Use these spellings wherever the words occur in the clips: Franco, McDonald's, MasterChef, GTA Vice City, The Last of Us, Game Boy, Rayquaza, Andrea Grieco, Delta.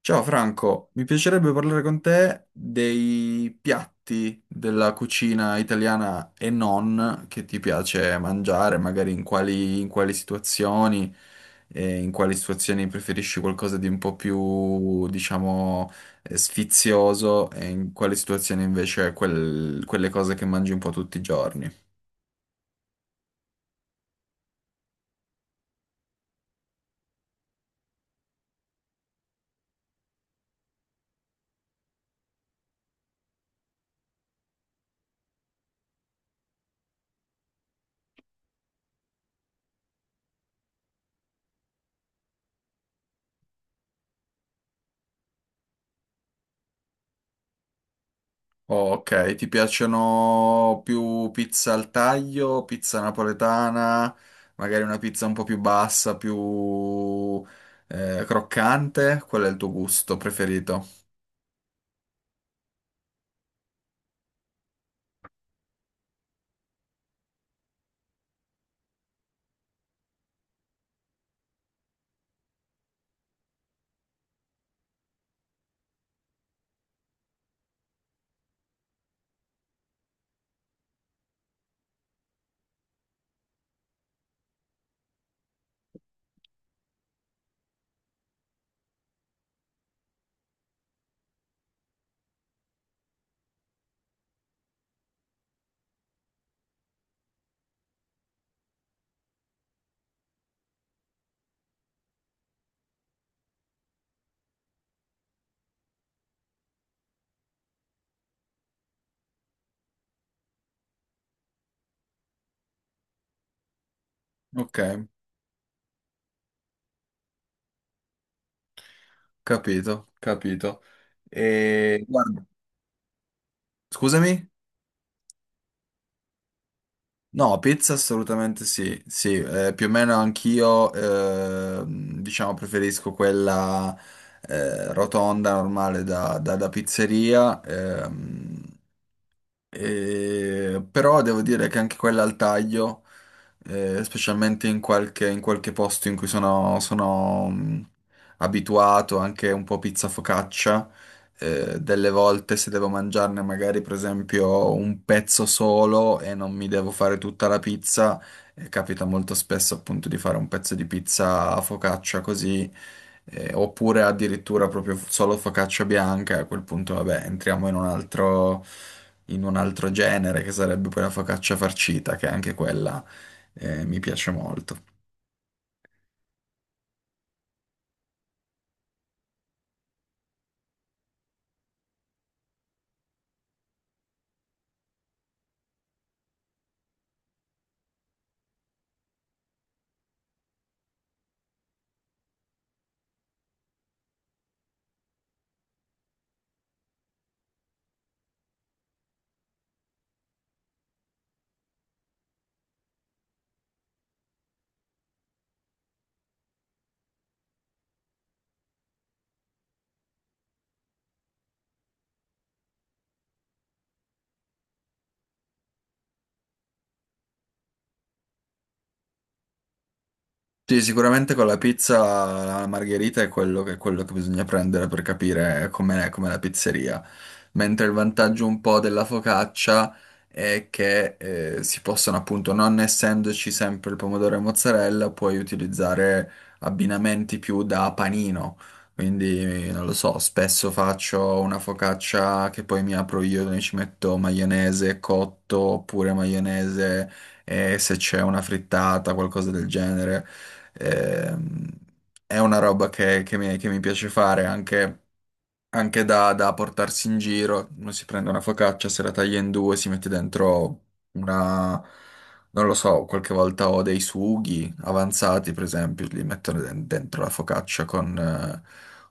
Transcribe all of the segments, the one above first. Ciao Franco, mi piacerebbe parlare con te dei piatti della cucina italiana e non che ti piace mangiare, magari in quali situazioni, e in quali situazioni preferisci qualcosa di un po' più, diciamo, sfizioso e in quali situazioni invece quelle cose che mangi un po' tutti i giorni. Ok, ti piacciono più pizza al taglio, pizza napoletana, magari una pizza un po' più bassa, più croccante? Qual è il tuo gusto preferito? Ok, capito, capito. E guarda, scusami? No, pizza assolutamente sì, sì, più o meno anch'io, diciamo, preferisco quella rotonda normale da, da pizzeria. E- però devo dire che anche quella al taglio, specialmente in qualche posto in cui sono abituato, anche un po' pizza focaccia, delle volte se devo mangiarne magari per esempio un pezzo solo e non mi devo fare tutta la pizza, capita molto spesso appunto di fare un pezzo di pizza a focaccia così. Oppure addirittura proprio solo focaccia bianca, e a quel punto vabbè, entriamo in un altro genere che sarebbe poi la focaccia farcita, che anche quella mi piace molto. Sì, sicuramente con la pizza la margherita è quello che bisogna prendere per capire com'è com'è la pizzeria. Mentre il vantaggio un po' della focaccia è che si possono appunto, non essendoci sempre il pomodoro e mozzarella, puoi utilizzare abbinamenti più da panino. Quindi non lo so, spesso faccio una focaccia che poi mi apro io, dove ci metto maionese cotto oppure maionese e se c'è una frittata, qualcosa del genere. Ehm, è una roba che, che mi piace fare anche, anche da, da portarsi in giro. Uno si prende una focaccia, se la taglia in due, si mette dentro una, non lo so, qualche volta ho dei sughi avanzati, per esempio, li metto dentro la focaccia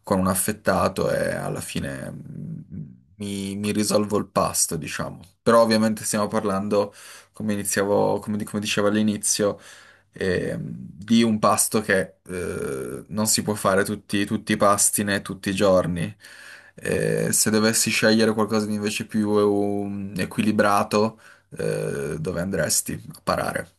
con un affettato e alla fine mi risolvo il pasto, diciamo. Però ovviamente stiamo parlando, come iniziavo, come come dicevo all'inizio, ehm, di un pasto che non si può fare tutti i pasti né tutti i giorni. Se dovessi scegliere qualcosa di invece più equilibrato, dove andresti a parare?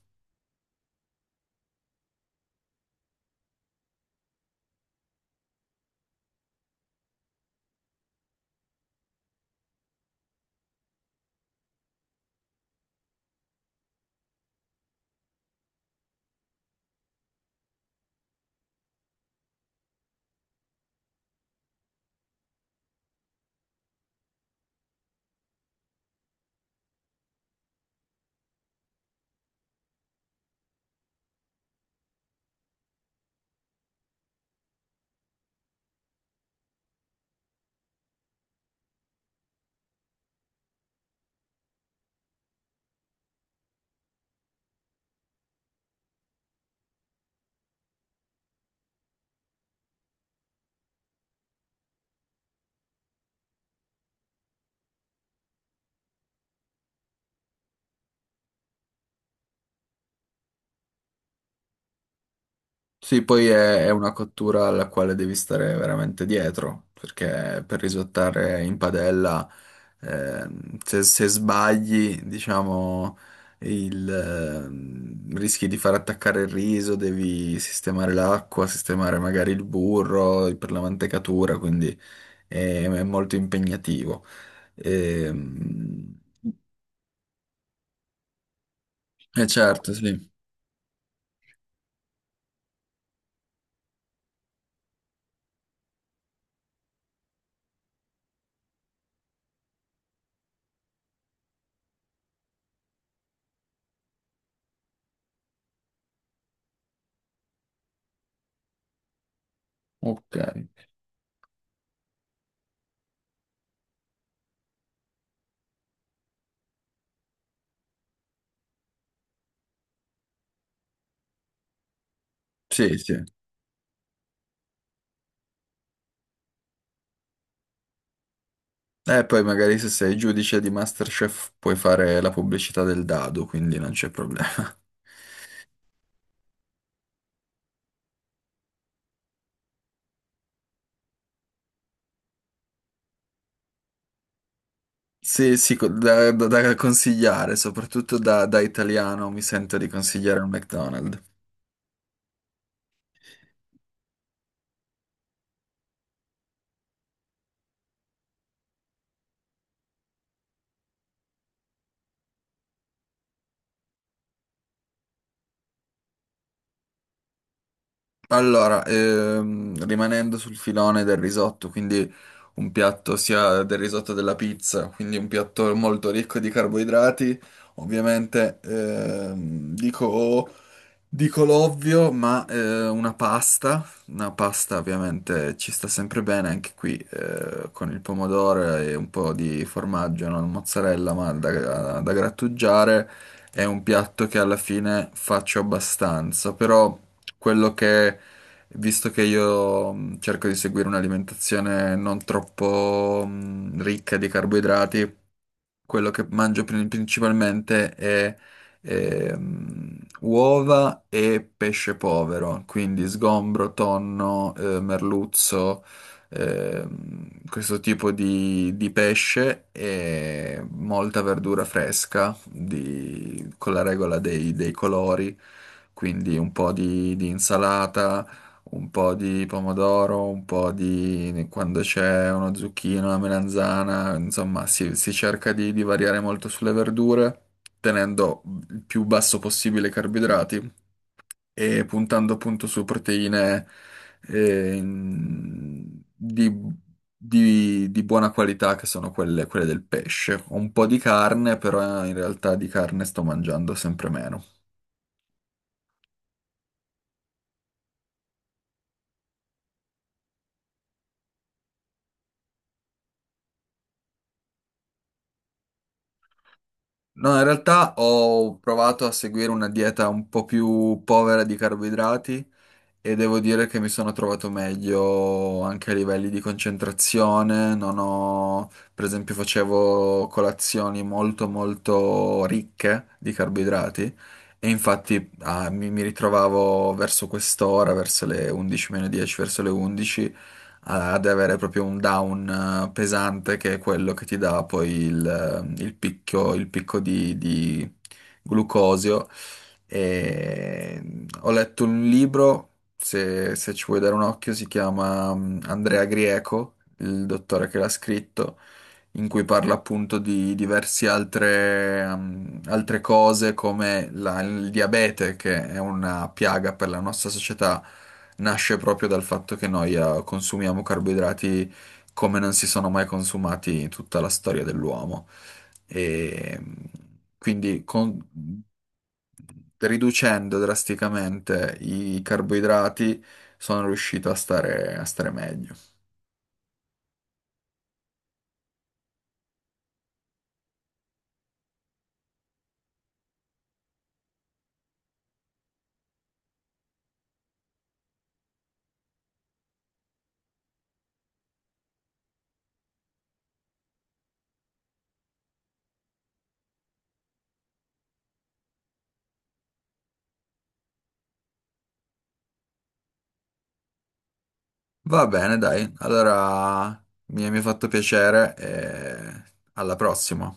Sì, poi è una cottura alla quale devi stare veramente dietro, perché per risottare in padella. Eh, se, se sbagli, diciamo, rischi di far attaccare il riso, devi sistemare l'acqua, sistemare magari il burro per la mantecatura, quindi è molto impegnativo. Ehm, E, certo, sì. Ok. Sì, sì. E poi magari se sei giudice di MasterChef puoi fare la pubblicità del dado, quindi non c'è problema. Sì, sì, da, da consigliare, soprattutto da, da italiano mi sento di consigliare un McDonald's. Allora, rimanendo sul filone del risotto, quindi un piatto sia del risotto della pizza, quindi un piatto molto ricco di carboidrati, ovviamente ehm, Dico l'ovvio, ma una pasta ovviamente ci sta sempre bene anche qui con il pomodoro e un po' di formaggio, non mozzarella, ma da, da grattugiare. È un piatto che alla fine faccio abbastanza, però quello che, visto che io cerco di seguire un'alimentazione non troppo ricca di carboidrati, quello che mangio principalmente è uova e pesce povero, quindi sgombro, tonno, merluzzo, questo tipo di pesce e molta verdura fresca con la regola dei, dei colori, quindi un po' di insalata, un po' di pomodoro, un po' di quando c'è una zucchina, una melanzana, insomma, si cerca di variare molto sulle verdure, tenendo il più basso possibile i carboidrati e puntando appunto su proteine eh, in- di, di buona qualità che sono quelle, quelle del pesce. Un po' di carne, però in realtà di carne sto mangiando sempre meno. No, in realtà ho provato a seguire una dieta un po' più povera di carboidrati, e devo dire che mi sono trovato meglio anche a livelli di concentrazione. Non ho, per esempio, facevo colazioni molto molto ricche di carboidrati e infatti ah, mi ritrovavo verso quest'ora, verso le 11 meno 10, verso le 11, ad avere proprio un down pesante che è quello che ti dà poi il picco di glucosio. E ho letto un libro, se, se ci vuoi dare un occhio, si chiama Andrea Grieco, il dottore che l'ha scritto, in cui parla appunto di diverse altre, altre cose come il diabete, che è una piaga per la nostra società, nasce proprio dal fatto che noi consumiamo carboidrati come non si sono mai consumati in tutta la storia dell'uomo. E quindi riducendo drasticamente i carboidrati, sono riuscito a stare meglio. Va bene, dai. Allora mi ha fatto piacere e alla prossima.